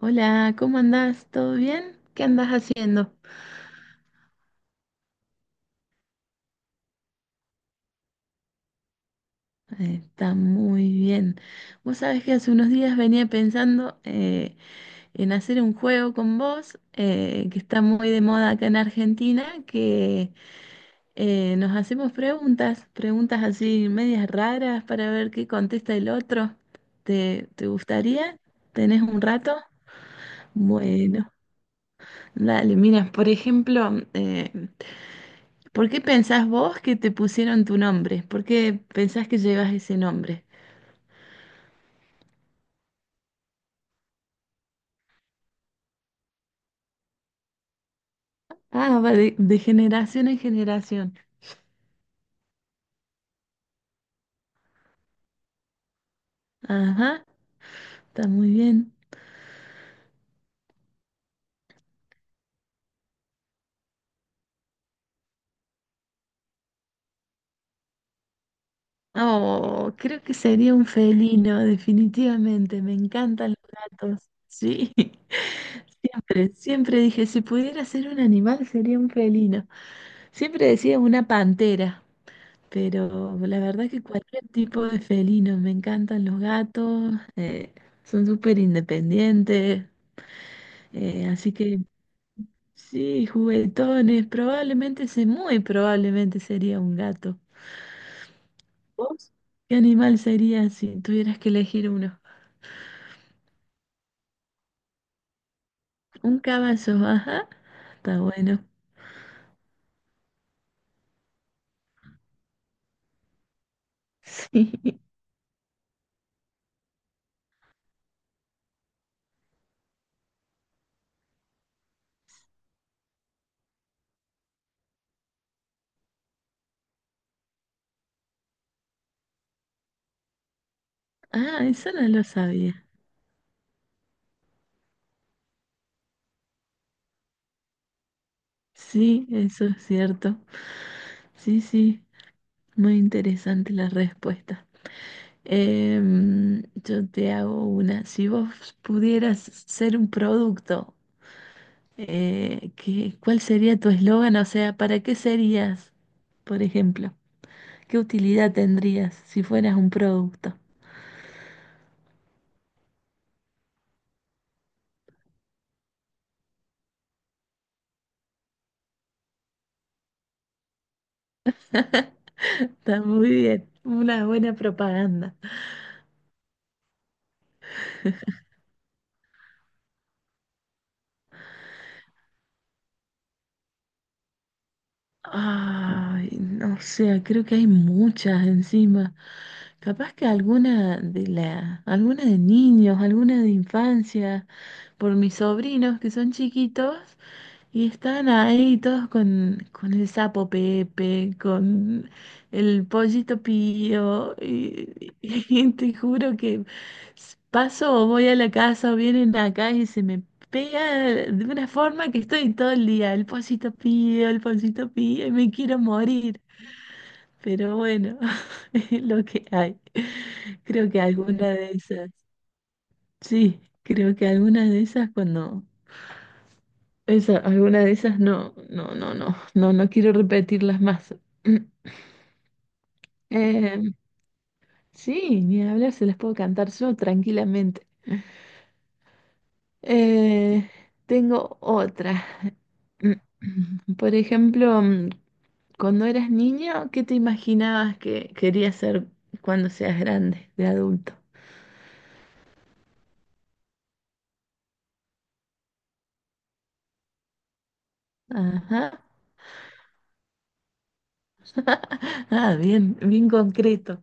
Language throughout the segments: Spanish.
Hola, ¿cómo andás? ¿Todo bien? ¿Qué andás haciendo? Está muy bien. Vos sabés que hace unos días venía pensando en hacer un juego con vos, que está muy de moda acá en Argentina, que nos hacemos preguntas, preguntas así medias raras para ver qué contesta el otro. ¿Te gustaría? ¿Tenés un rato? Bueno, dale, mira, por ejemplo, ¿Por qué pensás vos que te pusieron tu nombre? ¿Por qué pensás que llevas ese nombre? Ah, va de generación en generación. Ajá, está muy bien. Oh, creo que sería un felino, definitivamente. Me encantan los gatos. Sí, siempre, siempre dije, si pudiera ser un animal, sería un felino. Siempre decía una pantera, pero la verdad que cualquier tipo de felino. Me encantan los gatos, son súper independientes. Así que sí, juguetones, probablemente, muy probablemente sería un gato. ¿Vos? ¿Qué animal sería si tuvieras que elegir uno? Un caballo, ajá. Está bueno. Sí. Ah, eso no lo sabía. Sí, eso es cierto. Sí, sí. Muy interesante la respuesta. Yo te hago una. Si vos pudieras ser un producto, cuál sería tu eslogan? O sea, ¿para qué serías, por ejemplo? ¿Qué utilidad tendrías si fueras un producto? Está muy bien, una buena propaganda. Ay, no sé, creo que hay muchas encima. Capaz que alguna de la, alguna de niños, alguna de infancia, por mis sobrinos que son chiquitos y están ahí todos con el sapo Pepe, con el pollito Pío, y, y te juro que paso o voy a la casa o vienen acá y se me pega de una forma que estoy todo el día. El pancito pío y me quiero morir. Pero bueno, es lo que hay. Creo que alguna de esas, sí, creo que alguna de esas cuando, esa, alguna de esas no, no, no, no, no, no quiero repetirlas más. Eh, sí, ni hablar, se las puedo cantar yo tranquilamente. Eh, Tengo otra. Por ejemplo, cuando eras niño, ¿qué te imaginabas que querías ser cuando seas grande, de adulto? Ajá. Ah, bien, bien concreto.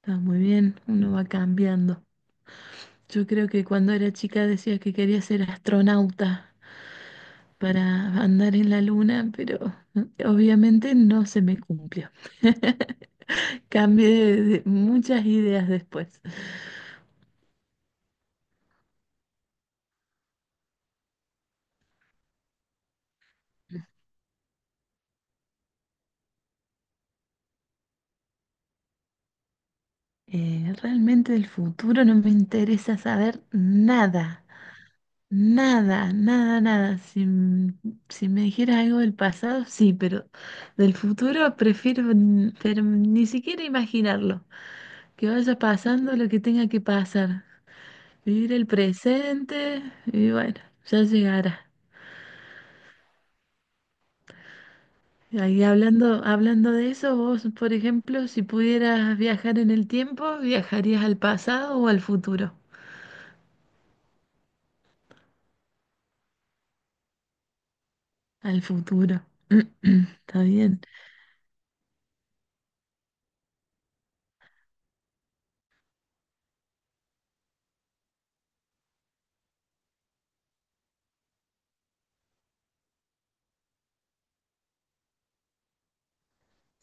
Está muy bien, uno va cambiando. Yo creo que cuando era chica decía que quería ser astronauta para andar en la luna, pero obviamente no se me cumplió. Cambié de muchas ideas después. Realmente el futuro no me interesa saber nada. Nada, nada, nada. Si, si me dijeras algo del pasado, sí, pero del futuro prefiero pero ni siquiera imaginarlo. Que vaya pasando lo que tenga que pasar. Vivir el presente y bueno, ya llegará. Ahí hablando, hablando de eso, vos, por ejemplo, si pudieras viajar en el tiempo, ¿viajarías al pasado o al futuro? Al futuro. Está bien.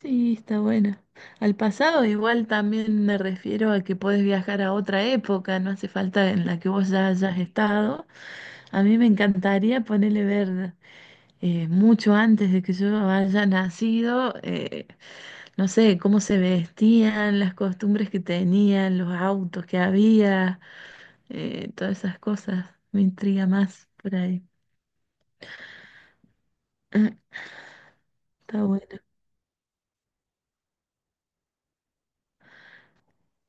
Sí, está bueno. Al pasado igual también me refiero a que podés viajar a otra época, no hace falta en la que vos ya hayas estado. A mí me encantaría ponerle ver mucho antes de que yo haya nacido, no sé, cómo se vestían, las costumbres que tenían, los autos que había, todas esas cosas. Me intriga más por ahí. Está bueno.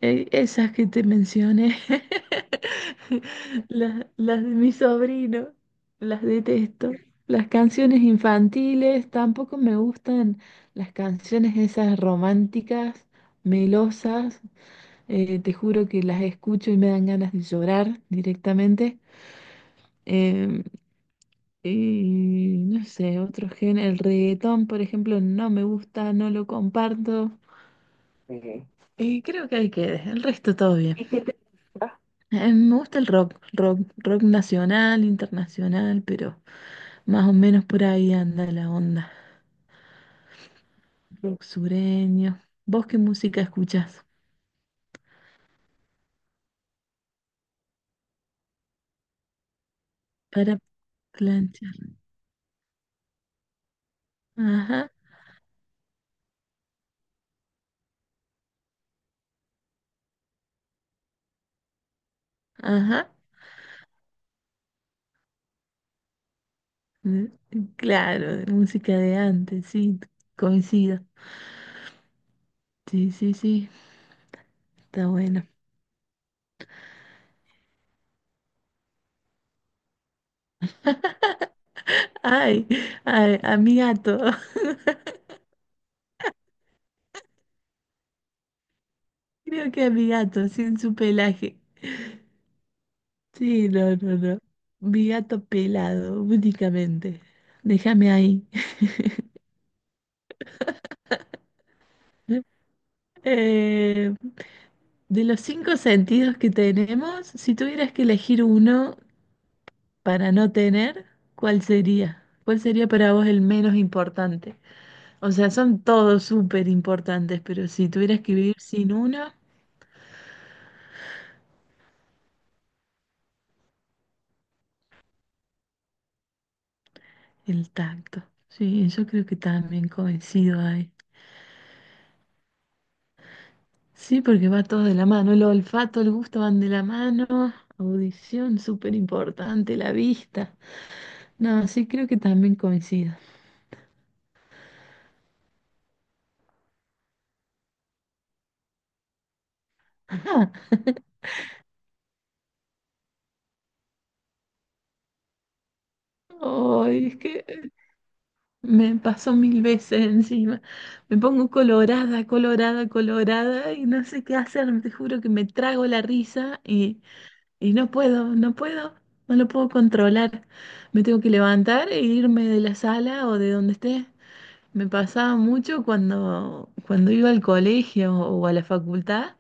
Esas que te mencioné, las de mi sobrino, las detesto. Las canciones infantiles, tampoco me gustan las canciones esas románticas, melosas. Te juro que las escucho y me dan ganas de llorar directamente. Em, y no sé, otro género, el reggaetón, por ejemplo, no me gusta, no lo comparto. Y creo que ahí quede, el resto todo bien. Me gusta el rock nacional, internacional, pero más o menos por ahí anda la onda. Rock sureño. ¿Vos qué música escuchás? Para planchar. Ajá, ajá. Mm, claro, de música de antes, sí, coincido. Sí, sí, sí, está bueno. Ay, ay, a mi gato. Creo que a mi gato, sin su pelaje. Sí, no, no, no. Mi gato pelado, únicamente. Déjame ahí. Eh, de los cinco sentidos que tenemos, si tuvieras que elegir uno para no tener, ¿cuál sería? ¿Cuál sería para vos el menos importante? O sea, son todos súper importantes, pero si tuvieras que vivir sin uno, el tacto. Sí, yo creo que también coincido ahí. Sí, porque va todo de la mano. El olfato, el gusto van de la mano. Audición, súper importante, la vista. No, sí, creo que también coincido. Ay, es que me pasó mil veces encima. Me pongo colorada, colorada, colorada y no sé qué hacer. Te juro que me trago la risa y no puedo, no puedo, no lo puedo controlar. Me tengo que levantar e irme de la sala o de donde esté. Me pasaba mucho cuando, cuando iba al colegio o a la facultad.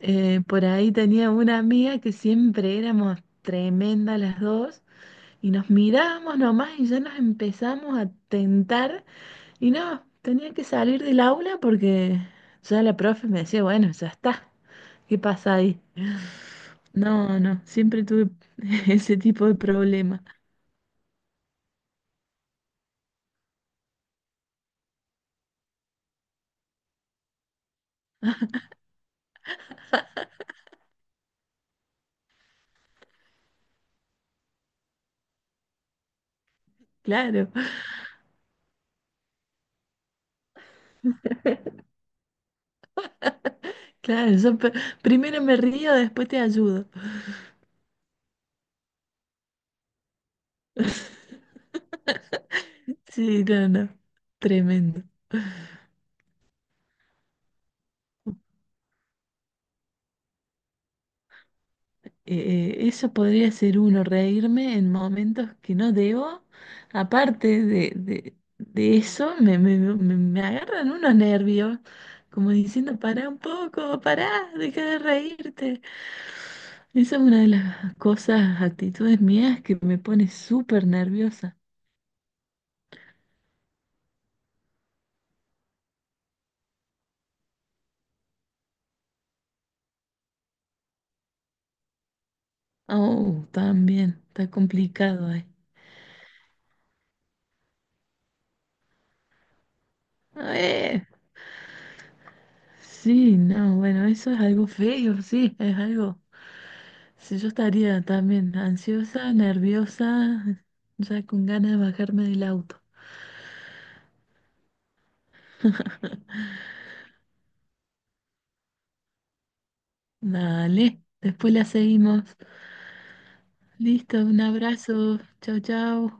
Por ahí tenía una amiga que siempre éramos tremendas las dos. Y nos miramos nomás y ya nos empezamos a tentar. Y no, tenía que salir del aula porque ya la profe me decía, bueno, ya está. ¿Qué pasa ahí? No, no, siempre tuve ese tipo de problema. Claro, claro, yo primero me río, después te ayudo. Sí, no, no, tremendo. Eso podría ser uno, reírme en momentos que no debo. Aparte de, de eso, me agarran unos nervios, como diciendo, pará un poco, pará, deja de reírte. Esa es una de las cosas, actitudes mías que me pone súper nerviosa. Oh, también, está complicado ahí. Eh, sí, no, bueno, eso es algo feo, sí, es algo. Si yo estaría también ansiosa, nerviosa, ya con ganas de bajarme del auto. Dale, después la seguimos. Listo, un abrazo. Chau, chau.